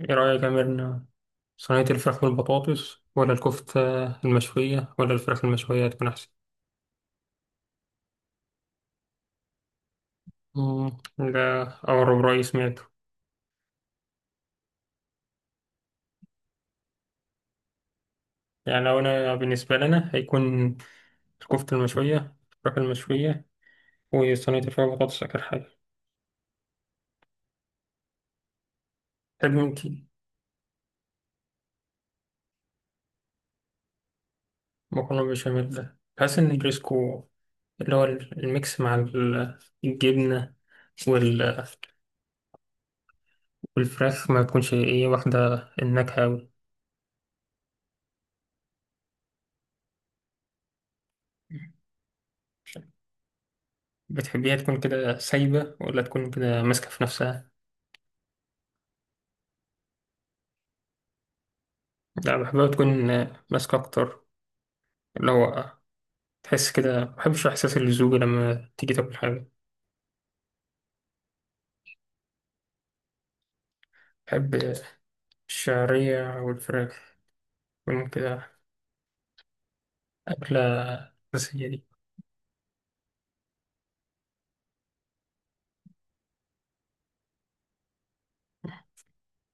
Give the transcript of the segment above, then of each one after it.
ايه رأيك يا ميرنا؟ صينية الفراخ بالبطاطس ولا الكفتة المشوية ولا الفراخ المشوية هتكون أحسن؟ مم، ده أغرب رأي سمعته. يعني لو أنا بالنسبة لنا هيكون الكفتة المشوية، الفراخ المشوية، وصينية الفراخ بالبطاطس آخر حاجة. تحب انتي مكرونة بالبشاميل؟ ده بحس إن الريسكو اللي هو الميكس مع الجبنة وال- والفراخ ما تكونش إيه واخدة النكهة أوي. بتحبيها تكون كده سايبة ولا تكون كده ماسكة في نفسها؟ لا بحبها تكون ماسكة أكتر. اللي هو تحس كده مبحبش إحساس اللزوجة لما تيجي تاكل حاجة. بحب الشعرية والفراخ تكون كده. أكلة أساسية دي.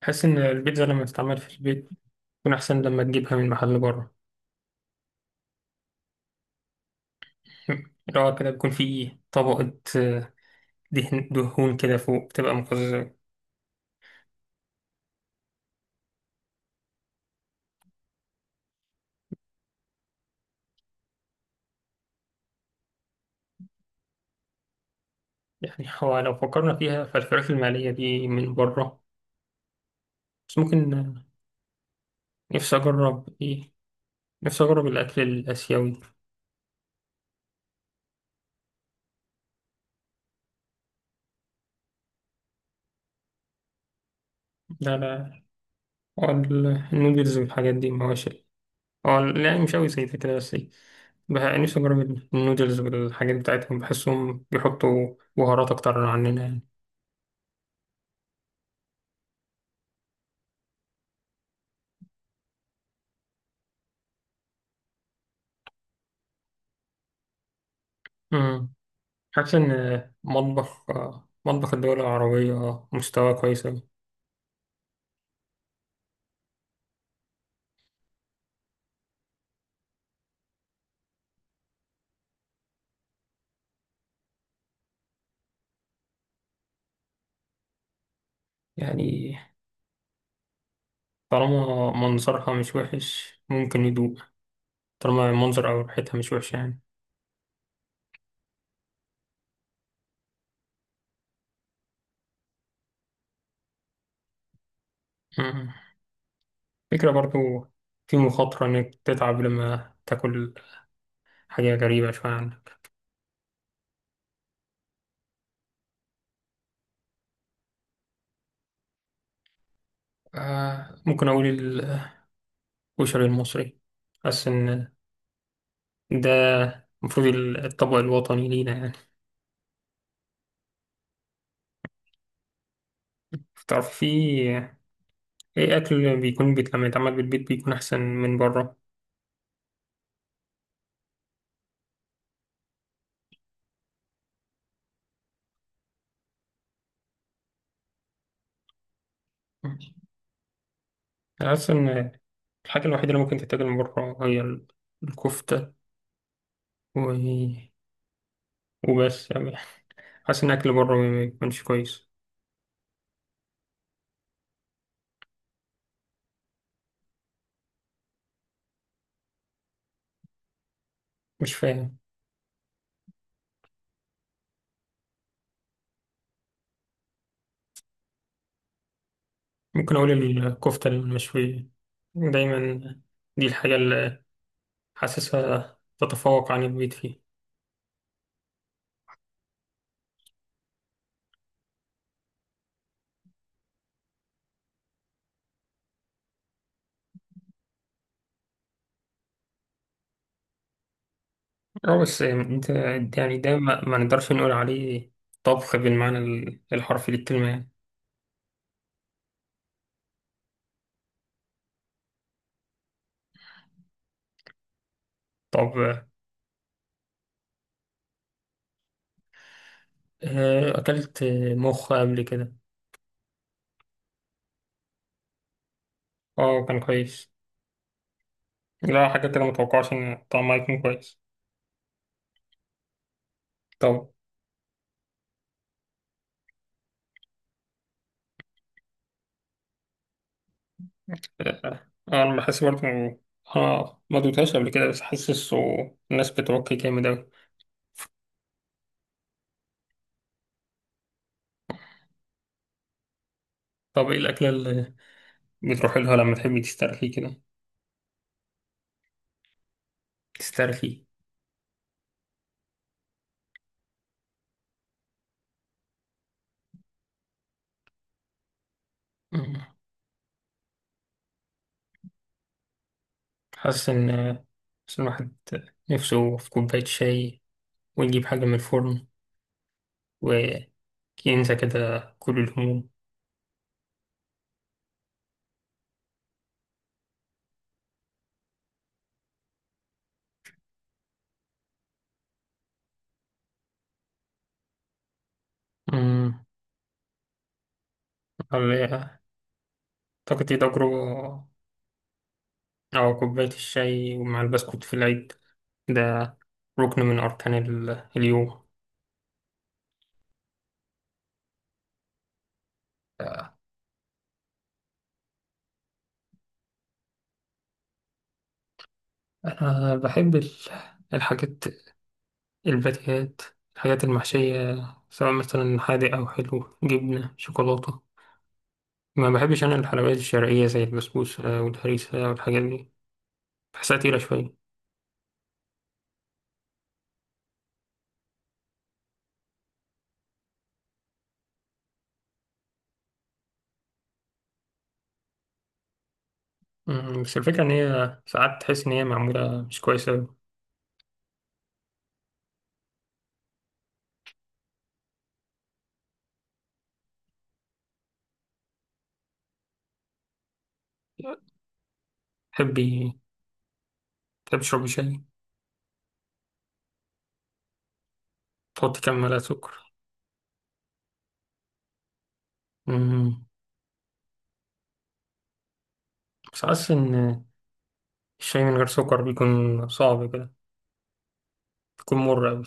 بحس إن البيتزا لما تتعمل في البيت تكون أحسن لما تجيبها من محل بره. اللي هو كده بيكون فيه طبقة دهن، دهون كده فوق بتبقى مقززة. يعني هو لو فكرنا فيها فالفراخ المقلية دي من بره، بس ممكن نفسي أجرب إيه، نفسي أجرب الأكل الآسيوي. لا لا، هو ال- النودلز والحاجات دي مواشي. يعني مش أوي زي ده كده، بس إيه نفسي أجرب النودلز والحاجات بتاعتهم، بحسهم بيحطوا بهارات أكتر عننا يعني. أمم. حاسس إن مطبخ الدول العربية مستوى كويس أوي. يعني طالما منظرها مش وحش ممكن يدوق، طالما المنظر أو ريحتها مش وحشة يعني. أمم. فكرة برضو، في مخاطرة إنك تتعب لما تاكل حاجة غريبة شوية عنك. آه ممكن أقول الكشري المصري. حاسس إن ده المفروض الطبق الوطني لينا يعني. تعرف في أي أكل بيكون بيت لما يتعمل بالبيت بيكون أحسن من بره. أنا حاسس إن الحاجة الوحيدة اللي ممكن تتاكل من بره هي الكفتة، و... وبس يعني. حاسس إن أكل بره ما بيكونش كويس. مش فاهم. ممكن أقول الكفتة المشوية دايما، دي الحاجة اللي حاسسها تتفوق عن البيت فيه. اه بس انت يعني ده ما نقدرش نقول عليه طبخ بالمعنى الحرفي للكلمة يعني. طب، أكلت مخ قبل كده. اه كان كويس، لا حاجة كده متوقعش إن طعمها يكون كويس. طب، أنا بحس برضه إنه اه ما دوتهاش قبل كده بس حاسس الناس بتوكي جامد أوي. طب إيه الأكلة اللي بتروحي لها لما تحبي تسترخي كده، تسترخي؟ مم. حاسس إن الواحد نفسه في كوباية شاي، ونجيب حاجة من الفرن، وكنسى كده كل الهموم. أمم، والله أعتقد دي تجربة. أو كوباية الشاي ومع البسكوت في العيد ده ركن من أركان اليوم. أنا بحب الحاجات، الباتيهات، الحاجات المحشية، سواء مثلا حادق أو حلو جبنة شوكولاتة. ما بحبش أنا الحلويات الشرقية زي البسبوسة والهريسة والحاجات دي، بحسها تقيلة شوية. بس الفكرة إن هي ساعات تحس إن هي معمولة مش كويسة أوي. تحبي تشربي شاي؟ تحطي كام معلقة سكر؟ مم. بس حاسس إن الشاي من غير سكر بيكون صعب كده، بيكون مر أوي.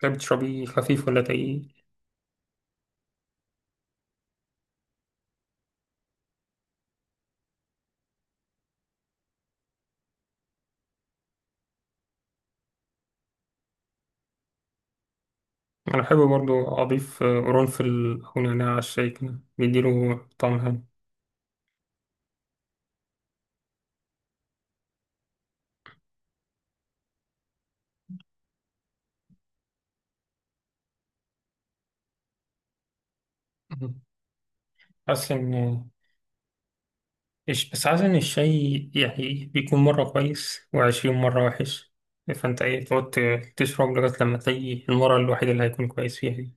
تحبي تشربي خفيف ولا تقيل؟ أنا بحب برضو أضيف قرنفل أو نعناع على الشاي كده بيديله طعم حلو. مم. حاسس إن إيش بس حاسس إن الشاي يعني بيكون مرة كويس وعشرين مرة وحش. فأنت إيه، تقعد تشرب لغاية لما تلاقي المرة الوحيدة اللي هيكون كويس فيها.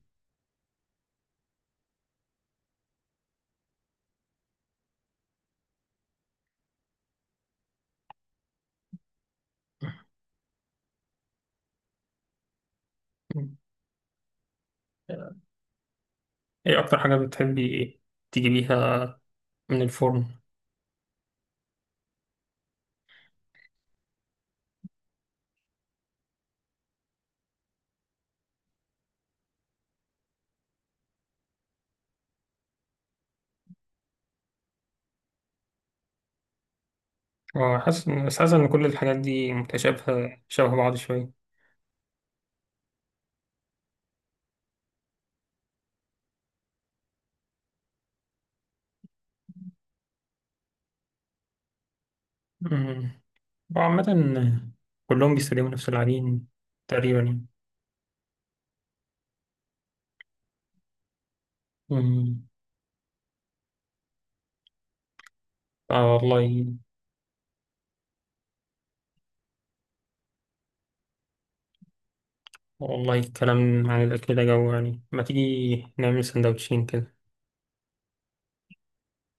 دي. ايه اكتر حاجة بتحبي تجيبيها من الفرن؟ وحاسس، بس حاسس ان كل الحاجات دي متشابهة شبه بعض شوية. أمم. وعامة كلهم بيستخدموا نفس العجين تقريبا يعني. أمم. آه والله. والله الكلام عن الأكل ده جو، يعني ما تيجي نعمل سندوتشين كده؟